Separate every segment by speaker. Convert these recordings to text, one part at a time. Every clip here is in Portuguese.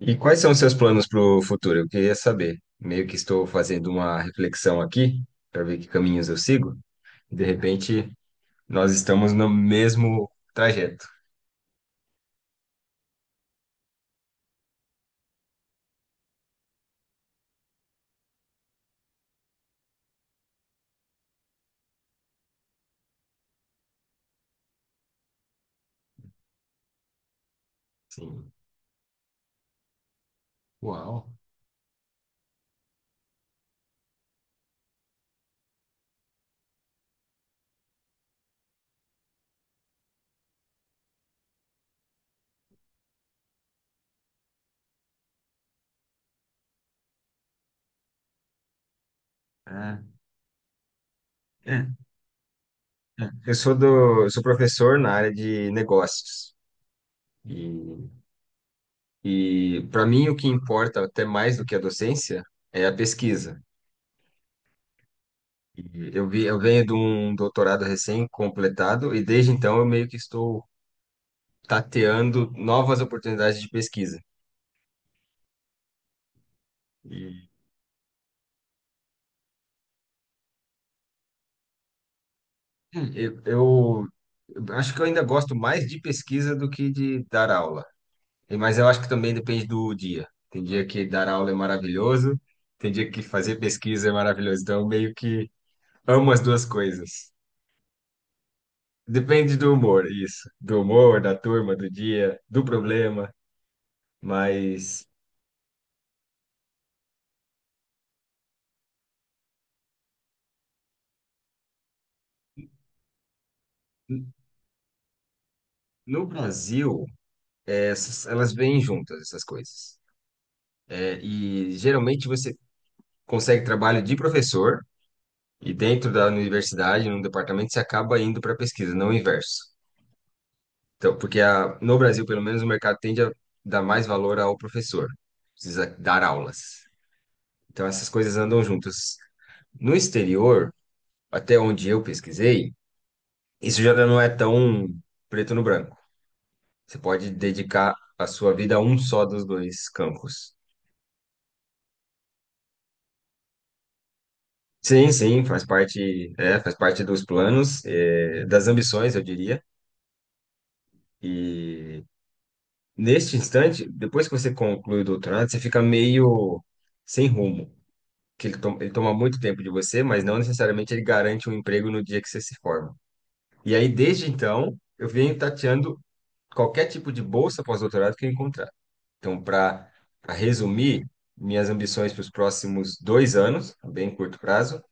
Speaker 1: E quais são os seus planos para o futuro? Eu queria saber. Meio que estou fazendo uma reflexão aqui para ver que caminhos eu sigo. De repente, nós estamos no mesmo trajeto. Sim. Uau. É, é, é. Eu sou professor na área de negócios. E, e para mim o que importa até mais do que a docência é a pesquisa. E eu venho de um doutorado recém-completado e desde então eu meio que estou tateando novas oportunidades de pesquisa. E eu acho que eu ainda gosto mais de pesquisa do que de dar aula. Mas eu acho que também depende do dia. Tem dia que dar aula é maravilhoso, tem dia que fazer pesquisa é maravilhoso. Então, eu meio que amo as duas coisas. Depende do humor, isso. Do humor, da turma, do dia, do problema. Mas n- no Brasil, elas vêm juntas, essas coisas. É, e geralmente você consegue trabalho de professor e dentro da universidade, num departamento, você acaba indo para pesquisa, não o inverso. Então, porque no Brasil, pelo menos, o mercado tende a dar mais valor ao professor, precisa dar aulas. Então, essas coisas andam juntas. No exterior, até onde eu pesquisei, isso já não é tão preto no branco. Você pode dedicar a sua vida a um só dos dois campos. Sim, sim, faz parte, faz parte dos planos, das ambições, eu diria. E neste instante, depois que você conclui o doutorado, você fica meio sem rumo, que ele toma muito tempo de você, mas não necessariamente ele garante um emprego no dia que você se forma. E aí, desde então, eu venho tateando qualquer tipo de bolsa pós-doutorado que eu encontrar. Então, para resumir, minhas ambições para os próximos 2 anos, bem curto prazo,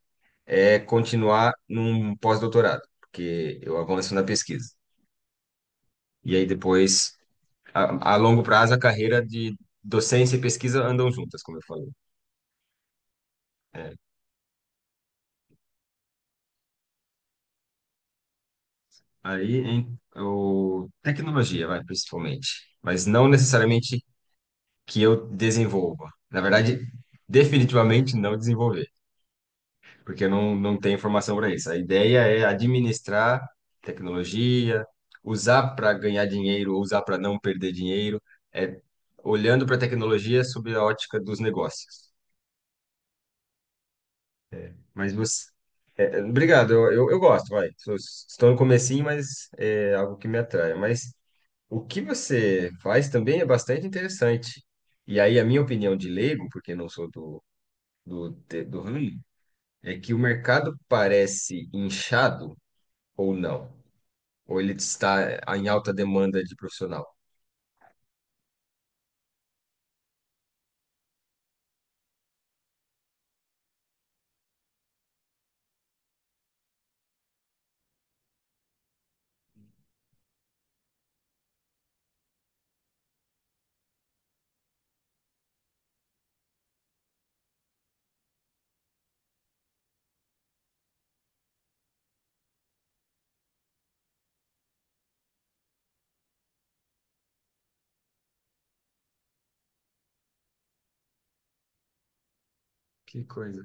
Speaker 1: é continuar num pós-doutorado, porque eu avanço na pesquisa. E aí depois, a longo prazo, a carreira de docência e pesquisa andam juntas, como eu falei. Aí, tecnologia, vai, principalmente. Mas não necessariamente que eu desenvolva. Na verdade, definitivamente não desenvolver, porque eu não tenho formação para isso. A ideia é administrar tecnologia, usar para ganhar dinheiro, ou usar para não perder dinheiro, é olhando para a tecnologia sob a ótica dos negócios. Mas você, É, obrigado, eu gosto, vai. Estou no comecinho, mas é algo que me atrai. Mas o que você faz também é bastante interessante. E aí, a minha opinião de leigo, porque não sou do ramo, é que o mercado parece inchado ou não. Ou ele está em alta demanda de profissional. Que coisa.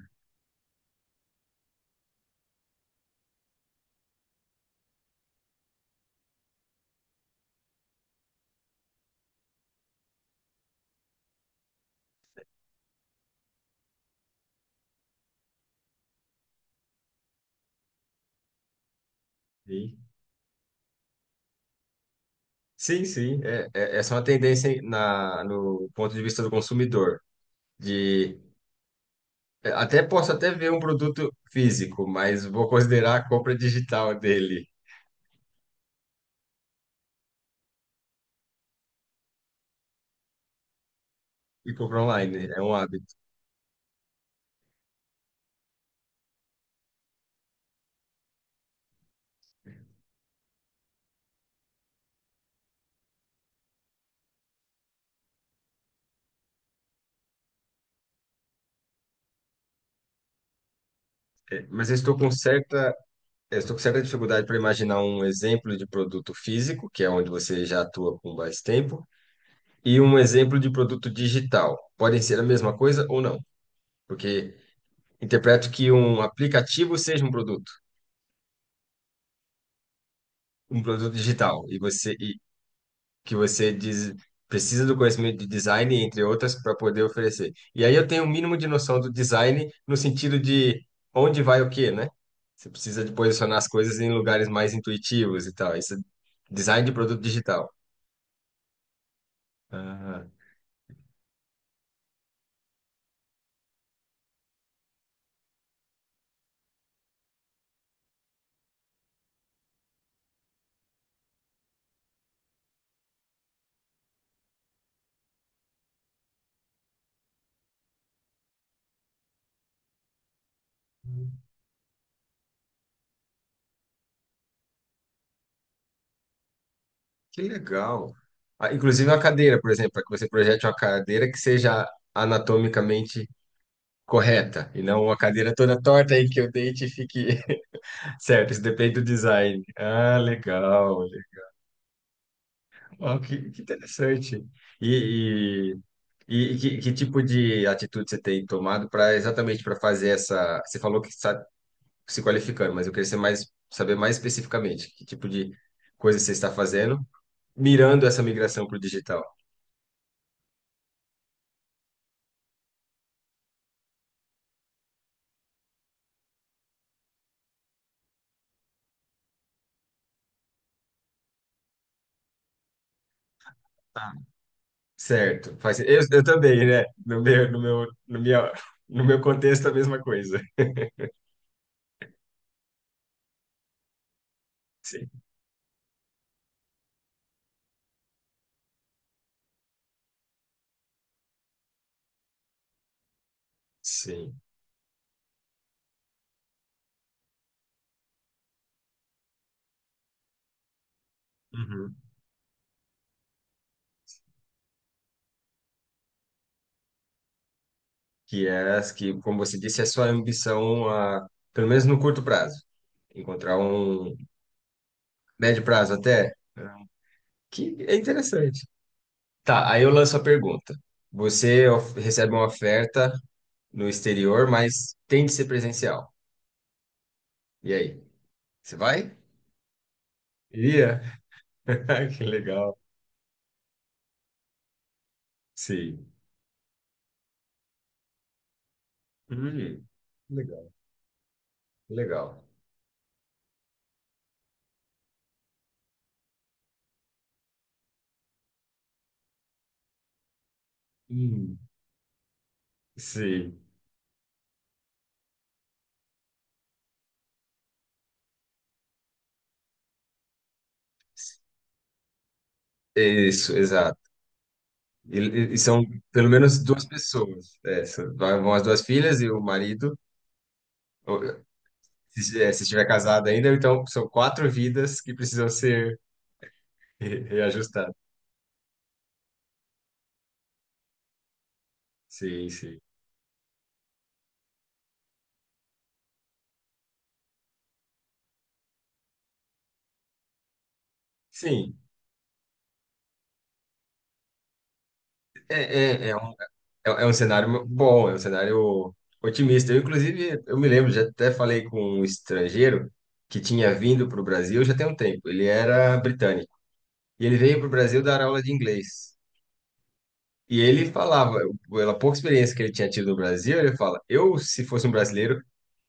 Speaker 1: Sim, sim, sim, essa é uma tendência no ponto de vista do consumidor, de até posso até ver um produto físico, mas vou considerar a compra digital dele e comprar online, é um hábito. É, mas eu estou com certa dificuldade para imaginar um exemplo de produto físico, que é onde você já atua com mais tempo, e um exemplo de produto digital. Podem ser a mesma coisa ou não, porque interpreto que um aplicativo seja um produto digital, e você que você diz- precisa do conhecimento de design, entre outras, para poder oferecer. E aí eu tenho o mínimo de noção do design no sentido de onde vai o quê, né? Você precisa de posicionar as coisas em lugares mais intuitivos e tal. Isso é design de produto digital. Ah, que legal. Ah, inclusive uma cadeira, por exemplo, para que você projete uma cadeira que seja anatomicamente correta e não uma cadeira toda torta aí que o dente fique certo. Isso depende do design. Ah, legal. Ó que interessante. E, e que tipo de atitude você tem tomado para exatamente para fazer essa? Você falou que está se qualificando, mas eu queria ser mais, saber mais especificamente que tipo de coisa você está fazendo, mirando essa migração para o digital. Tá. Certo. Eu também, né? No meu contexto, a mesma coisa. Sim. Sim. Uhum. Que é, as que, como você disse, é sua ambição, a, pelo menos no curto prazo, encontrar um. Médio prazo até? Que é interessante. Tá, aí eu lanço a pergunta. Você recebe uma oferta no exterior, mas tem de ser presencial. E aí? Você vai? Iria? Que legal. Sim. Hum, legal, legal. Hum, sim. Isso, exato. E são pelo menos duas pessoas. É, vão as duas filhas e o marido. Ou, se estiver casado ainda, então são quatro vidas que precisam ser reajustadas. Sim, sim. Sim, é, é, é, um, é um cenário bom, é um cenário otimista. Eu, inclusive, eu me lembro, já até falei com um estrangeiro que tinha vindo para o Brasil já tem um tempo. Ele era britânico. E ele veio para o Brasil dar aula de inglês. E ele falava, pela pouca experiência que ele tinha tido no Brasil, ele fala: eu, se fosse um brasileiro,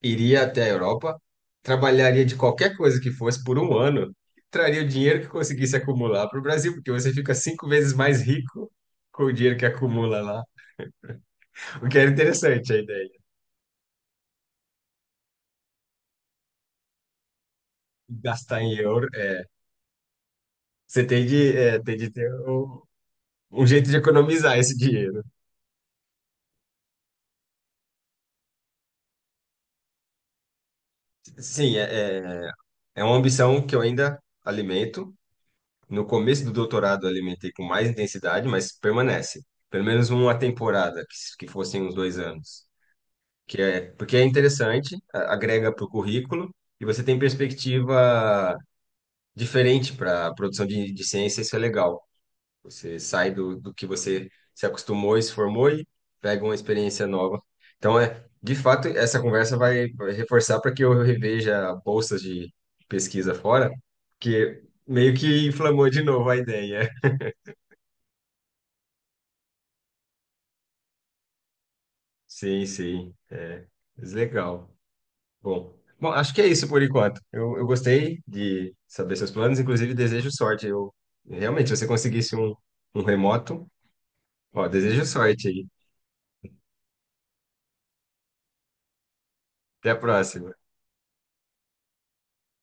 Speaker 1: iria até a Europa, trabalharia de qualquer coisa que fosse por um ano, traria o dinheiro que conseguisse acumular para o Brasil, porque você fica 5 vezes mais rico com o dinheiro que acumula lá. O que era interessante a ideia. Gastar em euro, é, você tem de, é, tem de ter um jeito de economizar esse dinheiro. Sim, é uma ambição que eu ainda alimento. No começo do doutorado eu alimentei com mais intensidade, mas permanece. Pelo menos uma temporada, que fossem uns 2 anos. Que é, porque é interessante, agrega para o currículo e você tem perspectiva diferente para a produção de ciência, isso é legal. Você sai do, do que você se acostumou e se formou e pega uma experiência nova. Então, de fato, essa conversa vai reforçar para que eu reveja bolsas de pesquisa fora, porque meio que inflamou de novo a ideia. Sim, sim. É, mas legal. Bom, bom, acho que é isso por enquanto. Eu gostei de saber seus planos, inclusive desejo sorte. Eu realmente, se você conseguisse um remoto, ó, desejo sorte aí. Até a próxima.